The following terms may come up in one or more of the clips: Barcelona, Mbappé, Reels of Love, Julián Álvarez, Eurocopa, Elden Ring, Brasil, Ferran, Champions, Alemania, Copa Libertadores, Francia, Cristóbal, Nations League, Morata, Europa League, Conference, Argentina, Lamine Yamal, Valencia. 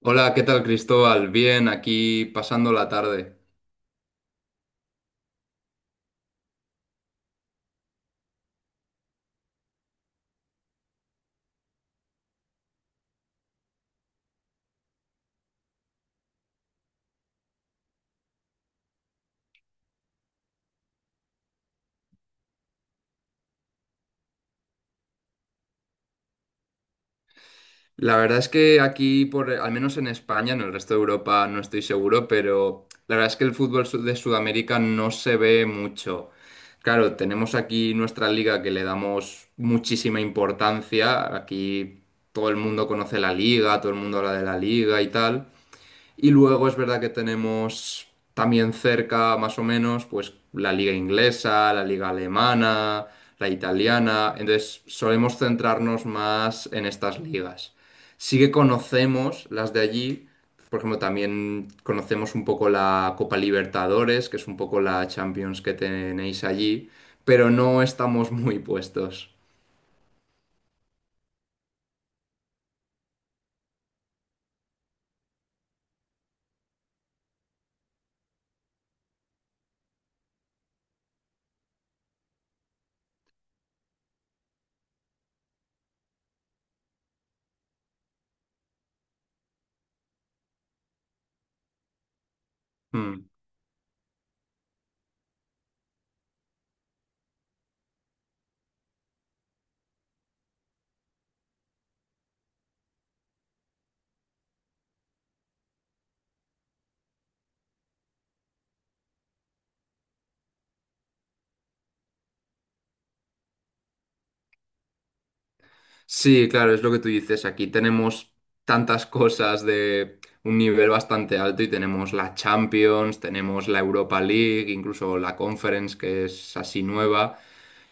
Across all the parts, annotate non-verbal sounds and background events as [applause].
Hola, ¿qué tal, Cristóbal? Bien, aquí pasando la tarde. La verdad es que aquí, por, al menos en España, en el resto de Europa no estoy seguro, pero la verdad es que el fútbol de Sudamérica no se ve mucho. Claro, tenemos aquí nuestra liga que le damos muchísima importancia. Aquí todo el mundo conoce la liga, todo el mundo habla de la liga y tal. Y luego es verdad que tenemos también cerca, más o menos, pues la liga inglesa, la liga alemana, la italiana. Entonces solemos centrarnos más en estas ligas. Sí que conocemos las de allí. Por ejemplo, también conocemos un poco la Copa Libertadores, que es un poco la Champions que tenéis allí, pero no estamos muy puestos. Mm. Sí, claro, es lo que tú dices. Aquí tenemos tantas cosas de un nivel bastante alto y tenemos la Champions, tenemos la Europa League, incluso la Conference, que es así nueva.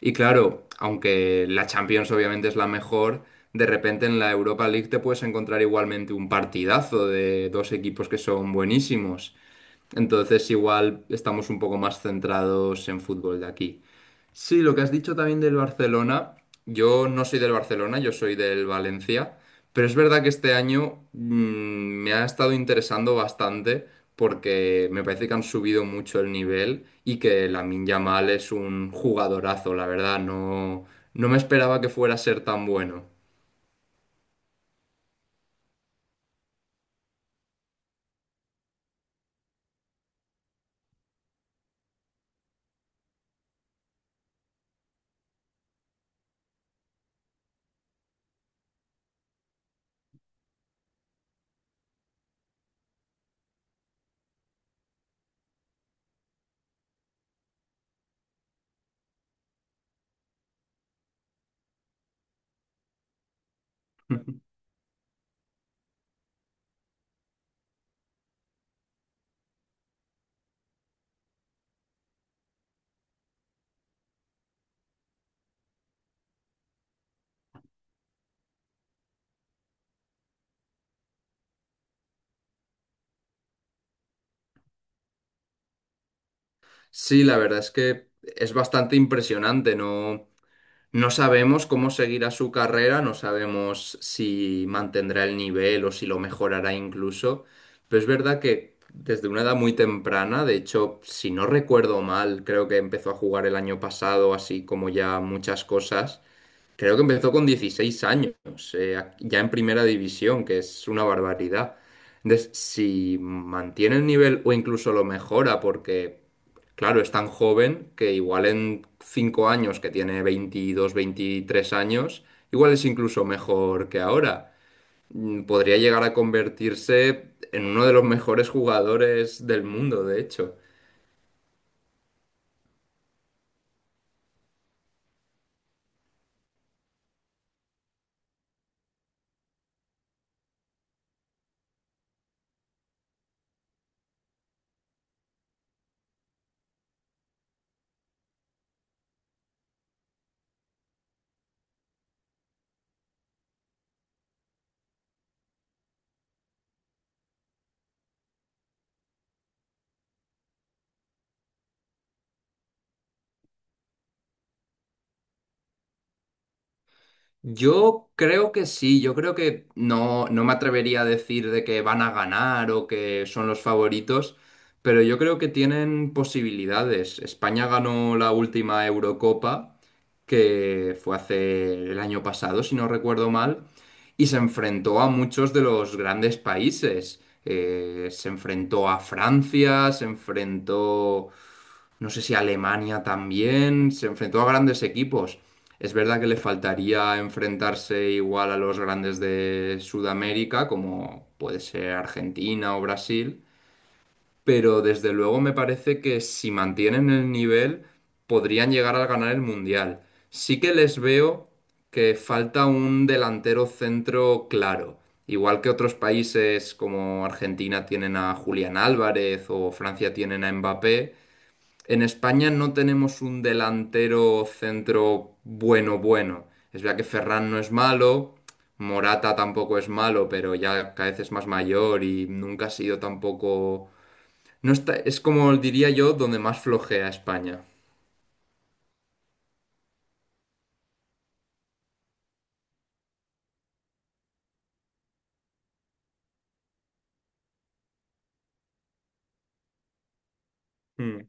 Y claro, aunque la Champions obviamente es la mejor, de repente en la Europa League te puedes encontrar igualmente un partidazo de dos equipos que son buenísimos. Entonces igual estamos un poco más centrados en fútbol de aquí. Sí, lo que has dicho también del Barcelona, yo no soy del Barcelona, yo soy del Valencia, pero es verdad que este año me ha estado interesando bastante porque me parece que han subido mucho el nivel y que Lamine Yamal es un jugadorazo, la verdad, no, no me esperaba que fuera a ser tan bueno. [laughs] Sí, la verdad es que es bastante impresionante, ¿no? No sabemos cómo seguirá su carrera, no sabemos si mantendrá el nivel o si lo mejorará incluso, pero es verdad que desde una edad muy temprana, de hecho, si no recuerdo mal, creo que empezó a jugar el año pasado, así como ya muchas cosas. Creo que empezó con 16 años, ya en primera división, que es una barbaridad. Entonces, si mantiene el nivel o incluso lo mejora, porque, claro, es tan joven que igual en 5 años, que tiene 22, 23 años, igual es incluso mejor que ahora. Podría llegar a convertirse en uno de los mejores jugadores del mundo, de hecho. Yo creo que sí, yo creo que no, no me atrevería a decir de que van a ganar o que son los favoritos, pero yo creo que tienen posibilidades. España ganó la última Eurocopa, que fue hace el año pasado, si no recuerdo mal, y se enfrentó a muchos de los grandes países. Se enfrentó a Francia, se enfrentó no sé si Alemania también, se enfrentó a grandes equipos. Es verdad que le faltaría enfrentarse igual a los grandes de Sudamérica, como puede ser Argentina o Brasil, pero desde luego me parece que si mantienen el nivel podrían llegar a ganar el Mundial. Sí que les veo que falta un delantero centro claro. Igual que otros países como Argentina tienen a Julián Álvarez o Francia tienen a Mbappé, en España no tenemos un delantero centro bueno, bueno. Es verdad que Ferran no es malo, Morata tampoco es malo, pero ya cada vez es más mayor y nunca ha sido tampoco... No está... Es como diría yo, donde más flojea España. Mm.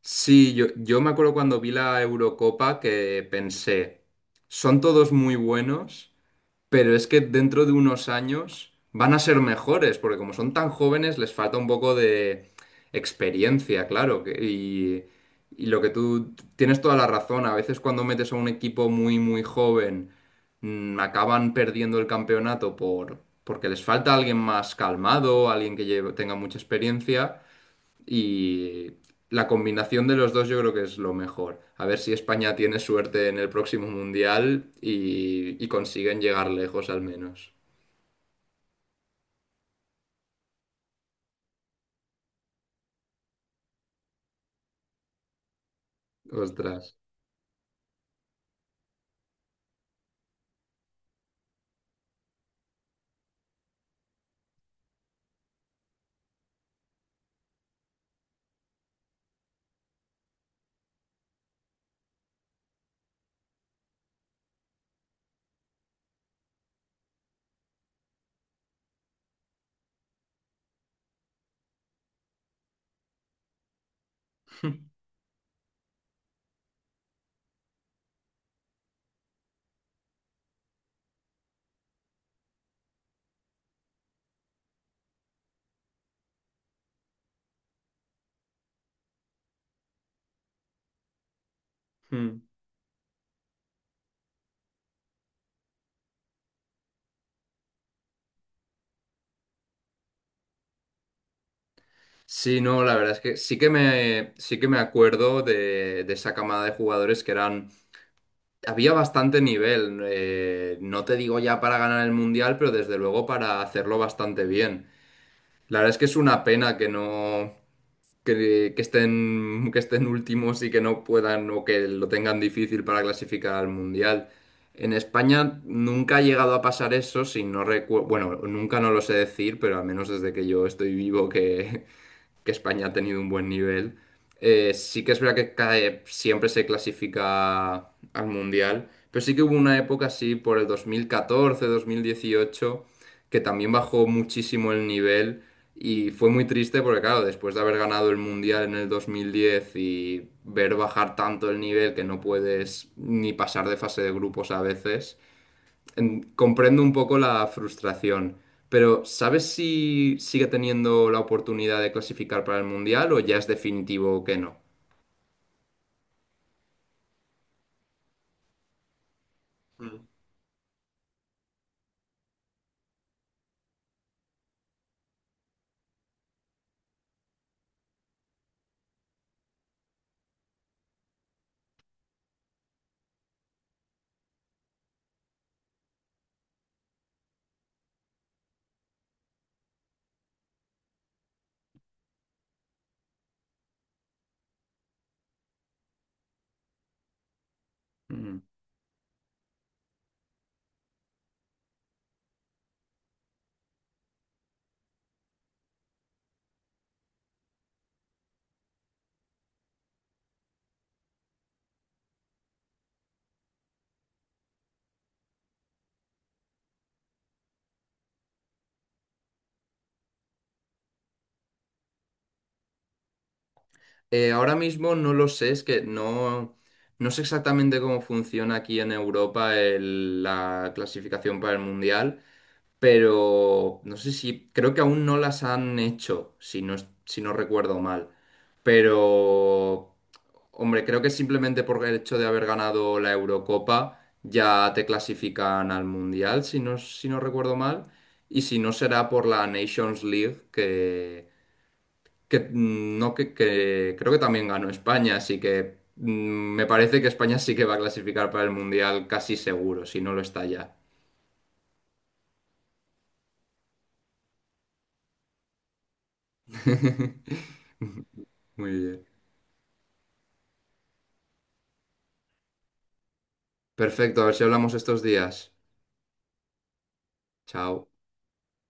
Sí, yo me acuerdo cuando vi la Eurocopa que pensé, son todos muy buenos, pero es que dentro de unos años van a ser mejores, porque como son tan jóvenes, les falta un poco de experiencia, claro. Y lo que tú tienes toda la razón, a veces cuando metes a un equipo muy, muy joven, acaban perdiendo el campeonato porque les falta alguien más calmado, alguien que tenga mucha experiencia. Y la combinación de los dos yo creo que es lo mejor. A ver si España tiene suerte en el próximo mundial y consiguen llegar lejos al menos. Ostras. Hmm. Sí, no, la verdad es que sí que me acuerdo de esa camada de jugadores que eran... Había bastante nivel, no te digo ya para ganar el mundial, pero desde luego para hacerlo bastante bien. La verdad es que es una pena que no, que estén últimos y que no puedan o que lo tengan difícil para clasificar al Mundial. En España nunca ha llegado a pasar eso, si no recuerdo, bueno, nunca no lo sé decir, pero al menos desde que yo estoy vivo que España ha tenido un buen nivel. Sí que es verdad que siempre se clasifica al Mundial, pero sí que hubo una época así por el 2014, 2018, que también bajó muchísimo el nivel y fue muy triste porque claro, después de haber ganado el Mundial en el 2010 y ver bajar tanto el nivel que no puedes ni pasar de fase de grupos a veces comprendo un poco la frustración, pero ¿sabes si sigue teniendo la oportunidad de clasificar para el Mundial o ya es definitivo que no? Mm. Ahora mismo no lo sé, es que no, no sé exactamente cómo funciona aquí en Europa la clasificación para el Mundial. Pero no sé si, creo que aún no las han hecho, si no, si no recuerdo mal. Pero, hombre, creo que simplemente por el hecho de haber ganado la Eurocopa ya te clasifican al Mundial, si no, si no recuerdo mal. Y si no será por la Nations League, que, mm, no, que creo que también ganó España, así que me parece que España sí que va a clasificar para el Mundial casi seguro, si no lo está ya. [laughs] Muy bien. Perfecto, a ver si hablamos estos días. Chao.